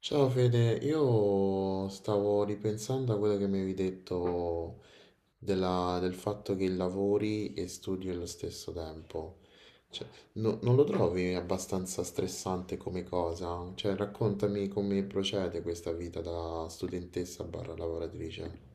Ciao Fede, io stavo ripensando a quello che mi avevi detto del fatto che lavori e studi allo stesso tempo. Cioè, non lo trovi abbastanza stressante come cosa? Cioè, raccontami come procede questa vita da studentessa barra lavoratrice.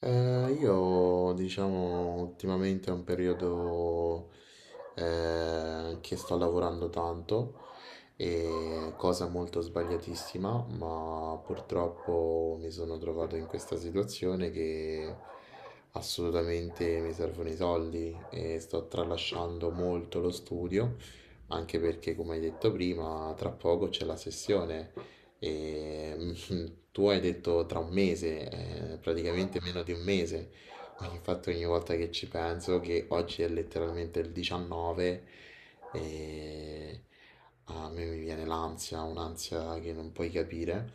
Io diciamo ultimamente è un periodo che sto lavorando tanto e cosa molto sbagliatissima, ma purtroppo mi sono trovato in questa situazione che assolutamente mi servono i soldi e sto tralasciando molto lo studio, anche perché come hai detto prima, tra poco c'è la sessione. E, tu hai detto tra un mese, praticamente meno di un mese. Ma infatti ogni volta che ci penso, che oggi è letteralmente il 19, e a me mi viene l'ansia, un'ansia che non puoi capire,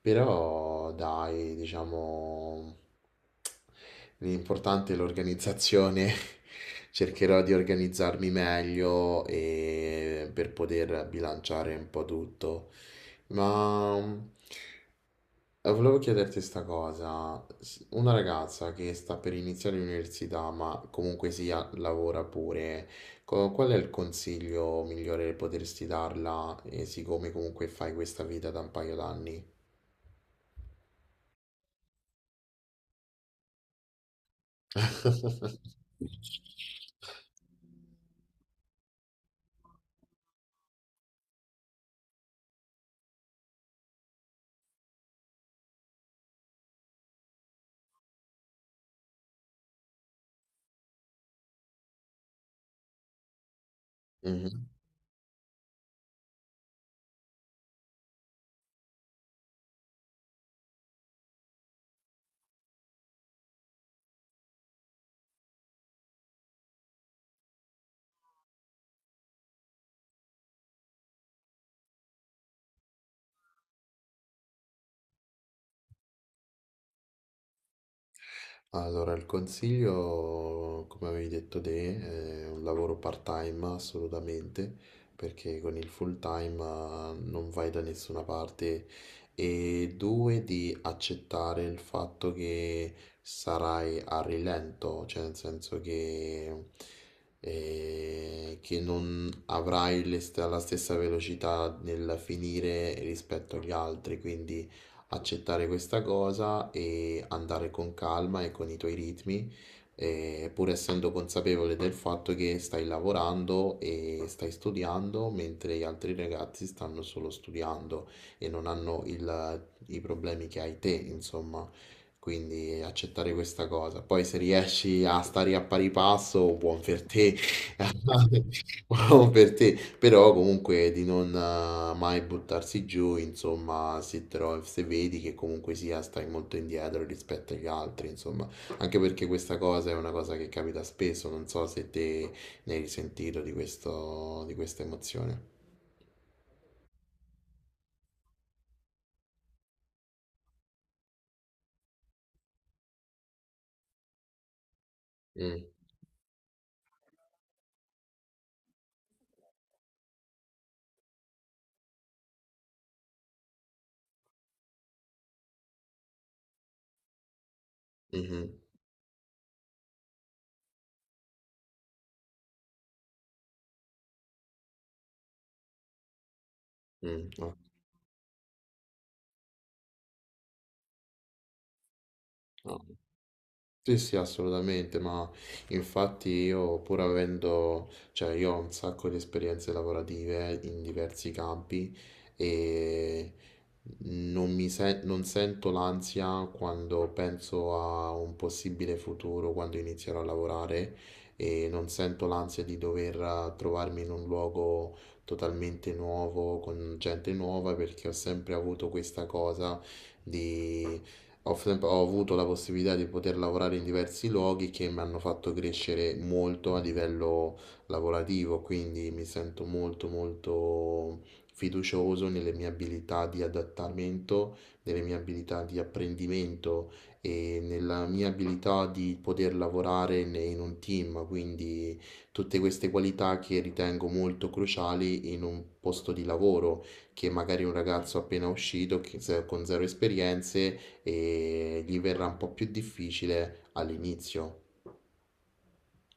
però dai, diciamo, l'importante è l'organizzazione, cercherò di organizzarmi meglio e per poter bilanciare un po' tutto. Ma volevo chiederti sta cosa. Una ragazza che sta per iniziare l'università, ma comunque sia lavora pure, qual è il consiglio migliore che potresti darla, siccome comunque fai questa vita da un paio d'anni? Mhm. Allora, il consiglio, come avevi detto te, è un lavoro part-time assolutamente, perché con il full-time non vai da nessuna parte. E due, di accettare il fatto che sarai a rilento, cioè nel senso che non avrai la stessa velocità nel finire rispetto agli altri, quindi accettare questa cosa e andare con calma e con i tuoi ritmi, pur essendo consapevole del fatto che stai lavorando e stai studiando, mentre gli altri ragazzi stanno solo studiando e non hanno i problemi che hai te, insomma. Quindi accettare questa cosa. Poi se riesci a stare a pari passo, buon per te. Buon per te. Però comunque di non mai buttarsi giù, insomma, se, se vedi che comunque sia stai molto indietro rispetto agli altri, insomma, anche perché questa cosa è una cosa che capita spesso, non so se te ne hai risentito di questo, di questa emozione. Mm, mhm, no, no. Sì, sì, assolutamente, ma infatti io pur avendo, cioè io ho un sacco di esperienze lavorative in diversi campi e non sento l'ansia quando penso a un possibile futuro, quando inizierò a lavorare e non sento l'ansia di dover trovarmi in un luogo totalmente nuovo, con gente nuova, perché ho sempre avuto questa cosa ho, ho avuto la possibilità di poter lavorare in diversi luoghi che mi hanno fatto crescere molto a livello lavorativo, quindi mi sento molto molto fiducioso nelle mie abilità di adattamento, nelle mie abilità di apprendimento e nella mia abilità di poter lavorare in un team, quindi tutte queste qualità che ritengo molto cruciali in un posto di lavoro che magari un ragazzo appena uscito che con zero esperienze e gli verrà un po' più difficile all'inizio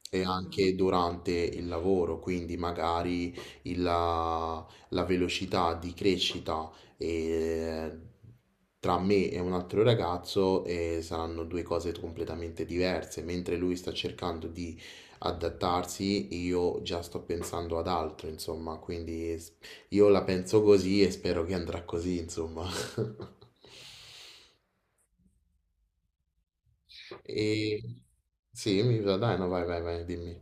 e anche durante il lavoro, quindi magari la velocità di crescita e- tra me e un altro ragazzo saranno due cose completamente diverse, mentre lui sta cercando di adattarsi, io già sto pensando ad altro, insomma, quindi io la penso così e spero che andrà così, insomma. E... Sì, mi dai, no, vai, dimmi.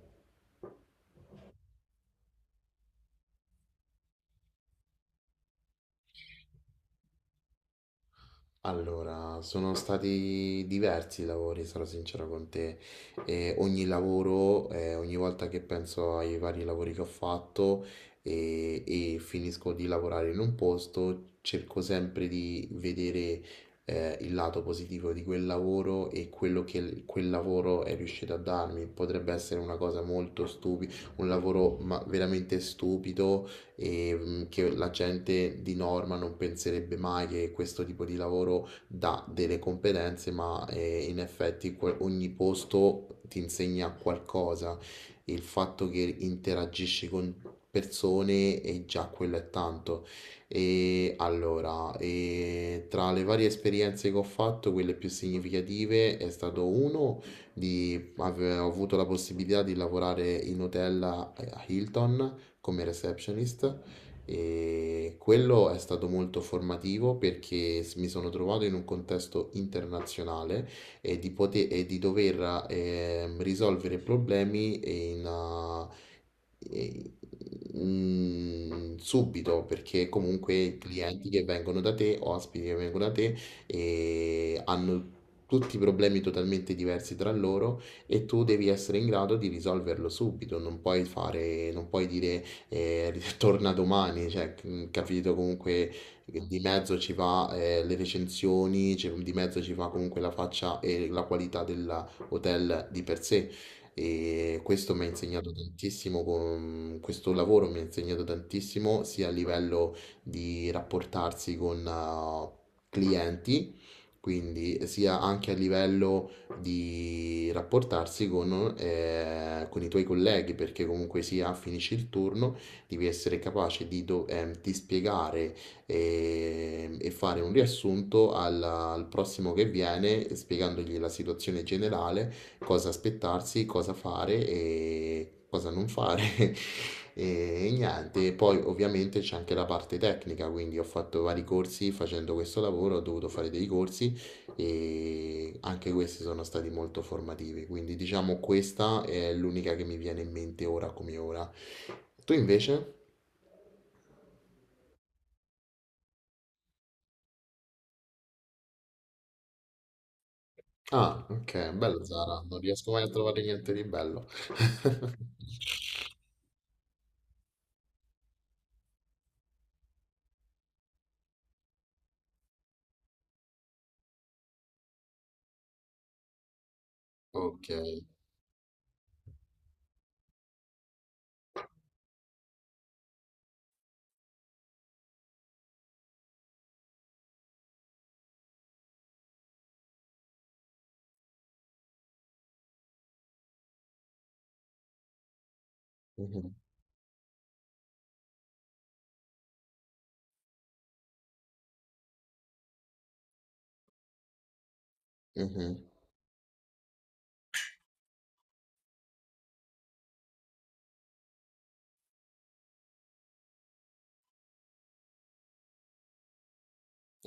Allora, sono stati diversi i lavori, sarò sincero con te. E ogni lavoro, ogni volta che penso ai vari lavori che ho fatto e finisco di lavorare in un posto, cerco sempre di vedere, il lato positivo di quel lavoro e quello che quel lavoro è riuscito a darmi. Potrebbe essere una cosa molto stupida, un lavoro ma veramente stupido e che la gente di norma non penserebbe mai che questo tipo di lavoro dà delle competenze, ma in effetti ogni posto ti insegna qualcosa. Il fatto che interagisci con persone e già quello è tanto. E allora, e tra le varie esperienze che ho fatto, quelle più significative è stato uno di ho avuto la possibilità di lavorare in hotel a Hilton come receptionist e quello è stato molto formativo perché mi sono trovato in un contesto internazionale e di, poter, e di dover risolvere problemi in, ah, eh, mm, subito perché comunque i clienti che vengono da te, ospiti che vengono da te, hanno tutti problemi totalmente diversi tra loro e tu devi essere in grado di risolverlo subito, non puoi fare, non puoi dire torna domani, cioè, capito comunque che di mezzo ci va le recensioni, cioè, di mezzo ci va comunque la faccia e la qualità dell'hotel di per sé. E questo mi ha insegnato tantissimo, con, mm, questo lavoro mi ha insegnato tantissimo sia a livello di rapportarsi con clienti, quindi sia anche a livello di rapportarsi con i tuoi colleghi, perché comunque sia finisci il turno devi essere capace di, di spiegare e fare un riassunto al prossimo che viene, spiegandogli la situazione generale, cosa aspettarsi, cosa fare e cosa non fare. E niente, poi ovviamente c'è anche la parte tecnica, quindi ho fatto vari corsi facendo questo lavoro, ho dovuto fare dei corsi e anche questi sono stati molto formativi, quindi diciamo questa è l'unica che mi viene in mente ora come ora. Tu invece? Ah, ok, bello Zara, non riesco mai a trovare niente di bello. Ok. Mhm, mhm.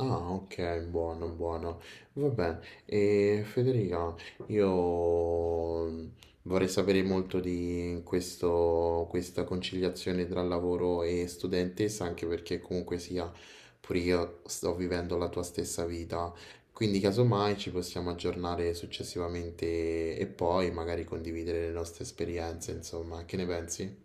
Ah, ok, buono, buono. Vabbè, e Federica, io vorrei sapere molto di questo, questa conciliazione tra lavoro e studentessa, anche perché comunque sia, pure io sto vivendo la tua stessa vita. Quindi, casomai, ci possiamo aggiornare successivamente e poi magari condividere le nostre esperienze, insomma, che ne pensi?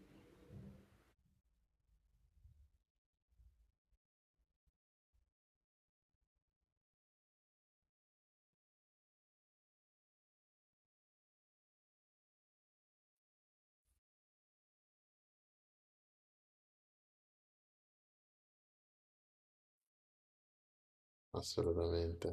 Assolutamente.